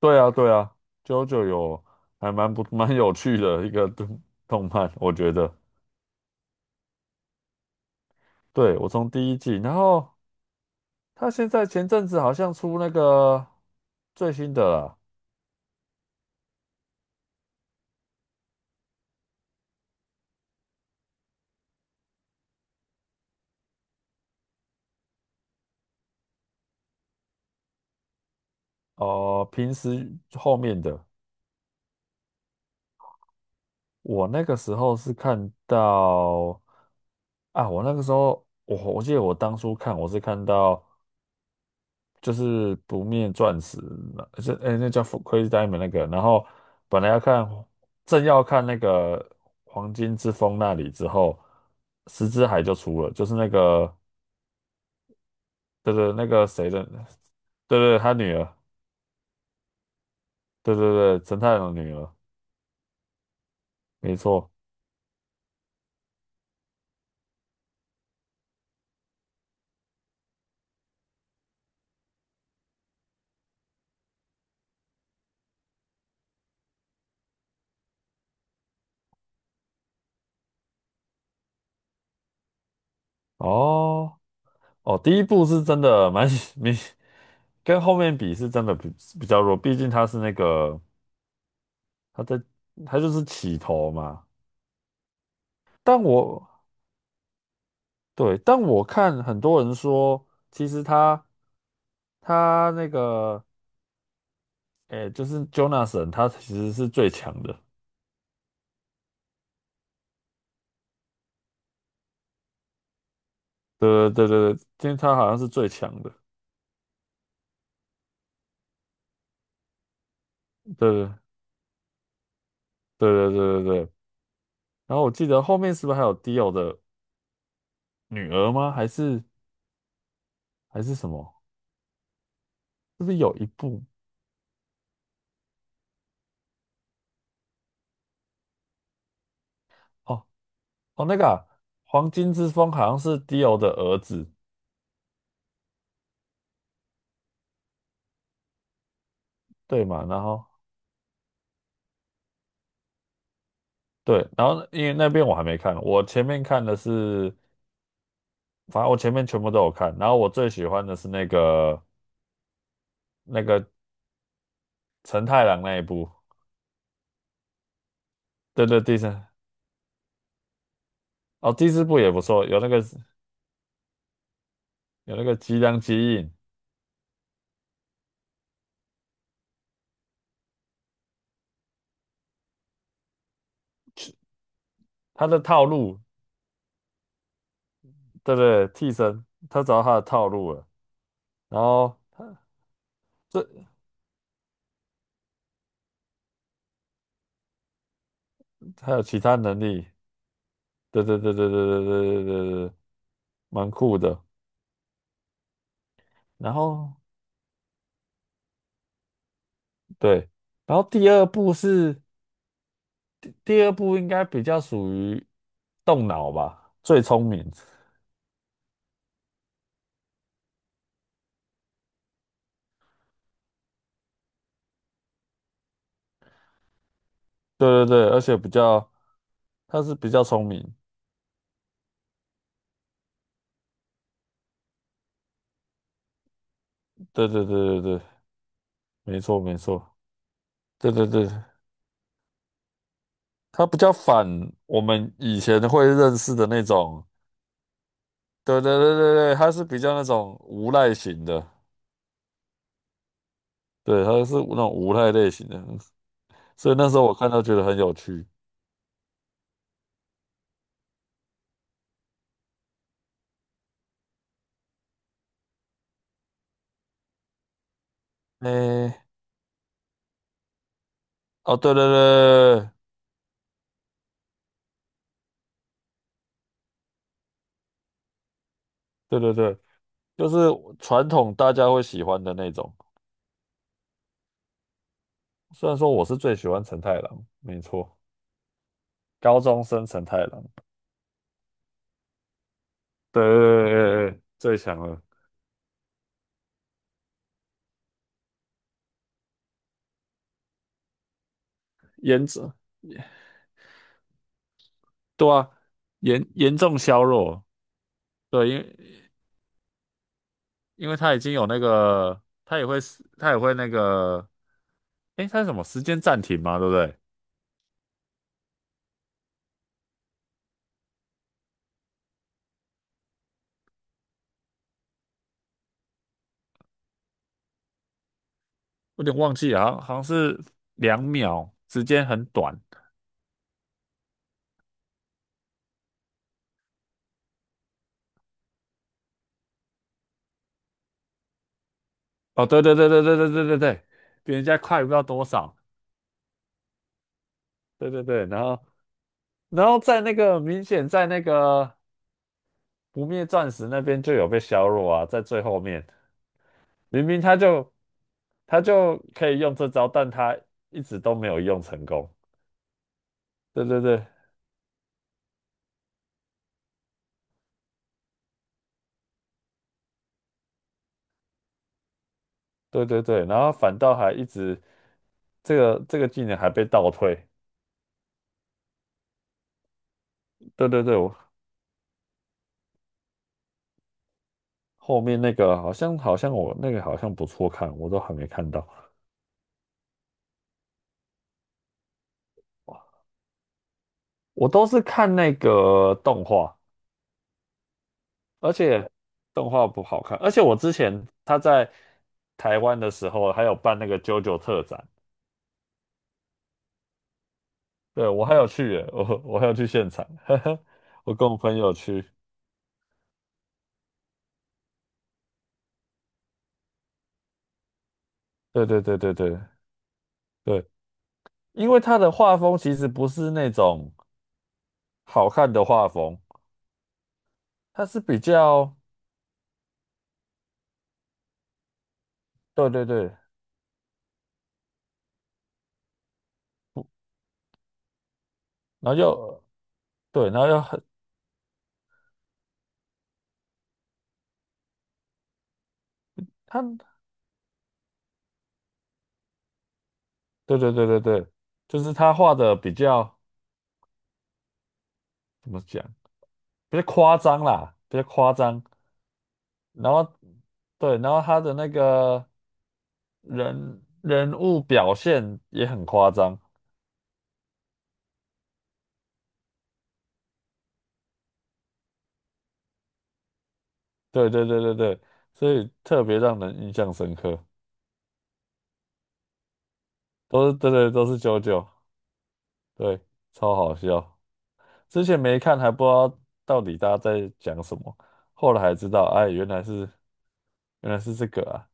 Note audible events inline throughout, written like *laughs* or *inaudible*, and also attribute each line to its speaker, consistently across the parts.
Speaker 1: 对啊，对啊，JoJo 有还蛮不 *laughs* 蛮有趣的一个动漫，我觉得。对，我从第一季，然后他现在前阵子好像出那个最新的啦。哦，平时后面的。我那个时候是看到啊，我那个时候我记得我当初看我是看到。就是不灭钻石，那是哎、那叫 Crazy Diamond 那个。然后本来要看，正要看那个黄金之风那里之后，石之海就出了，就是那个，对对，那个谁的。对对，他女儿。对对对，陈太郎的女儿，没错。哦哦，第一部是真的蛮 *laughs* 明，跟后面比是真的比较弱，毕竟他是那个，他在，他就是起头嘛。但我对，但我看很多人说，其实他那个，哎，就是 Jonathan，他其实是最强的。对对对对对，今天他好像是最强的。对对对对对对对。然后我记得后面是不是还有 Dio 的女儿吗？还是什么？是不是有一部？哦哦，那个啊黄金之风好像是 Dio 的儿子。对嘛？然后对，然后因为那边我还没看，我前面看的是。反正我前面全部都有看，然后我最喜欢的是那个陈太郎那一部。对对，第三，哦，第四部也不错，有那个吉良吉影，他的套路。对对，替身，他找到他的套路了，然后他，这还有其他能力。对对对对对对对对对对，蛮酷的。然后对，然后第二部应该比较属于动脑吧，最聪明。对对对，而且比较，他是比较聪明。对对对对对，没错没错，对对对，他比较反我们以前会认识的那种。对对对对对，他是比较那种无赖型的。对，他是那种无赖类型的，所以那时候我看到觉得很有趣。诶，哦，对对对对对对对，就是传统大家会喜欢的那种，虽然说我是最喜欢陈太郎，没错，高中生陈太郎。对对对对对，最强了，颜值。对啊，严重削弱。对，因为他已经有那个，他也会那个，诶，他是什么时间暂停嘛，对不对？我有点忘记了，好像是2秒，时间很短。哦，对对对对对对对对对，比人家快不知道多少。对对对，然后在那个，明显在那个不灭钻石那边就有被削弱啊，在最后面。明明他就可以用这招，但他一直都没有用成功。对对对，对对对，然后反倒还一直这个技能还被倒退。对对对，我后面那个好像我那个好像不错看，我都还没看到。我都是看那个动画，而且动画不好看。而且我之前他在台湾的时候还有办那个 JoJo 特展。对我还有去耶，我还有去现场，*laughs* 呵呵，我跟我朋友去。对对对对对对，因为他的画风其实不是那种好看的画风。他是比较，对对对，然后又，对，然后又很他，对对对对对，就是他画的比较怎么讲，比较夸张啦，比较夸张。然后对，然后他的那个人物表现也很夸张。对对对对对，所以特别让人印象深刻。都是对对，都是九九。对，超好笑。之前没看还不知道到底大家在讲什么，后来才知道。哎，原来是这个啊。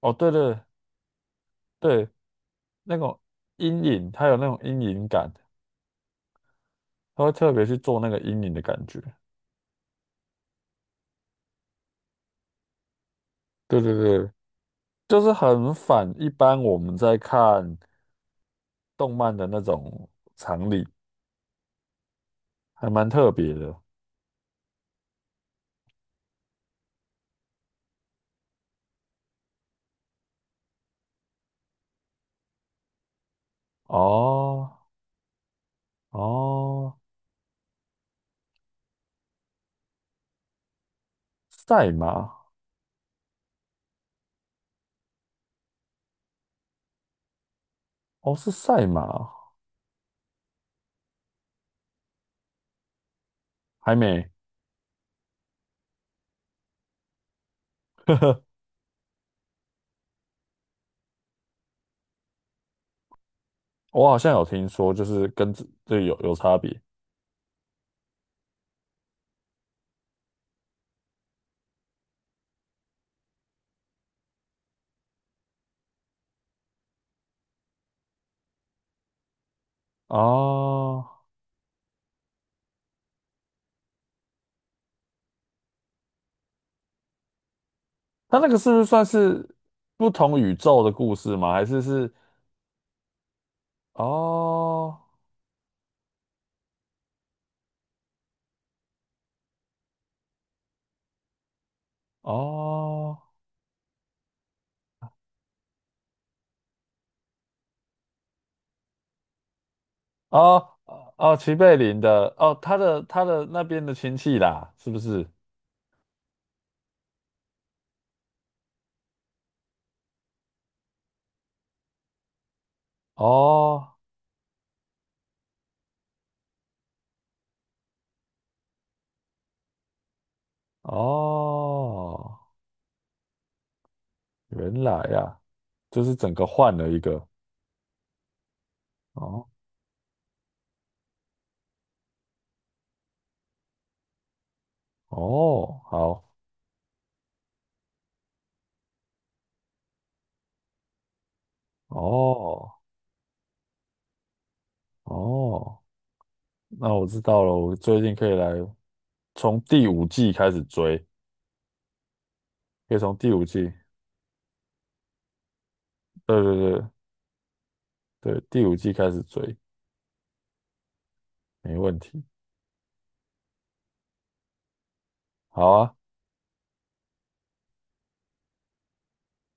Speaker 1: 哦，对对对，那种阴影，它有那种阴影感，它会特别去做那个阴影的感觉。对对对，就是很反一般我们在看动漫的那种常理，还蛮特别的。哦哦，赛马。哦是赛马。还没。我好像有听说，就是跟这有差别。哦，它那个是不是算是不同宇宙的故事吗？还是是？哦哦哦哦，哦齐贝林的哦，他的那边的亲戚啦，是不是？哦哦，原来呀，就是整个换了一个。哦哦，好，哦哦，那我知道了。我最近可以来从第五季开始追，可以从第五季。对对对对，第五季开始追，没问题。好啊。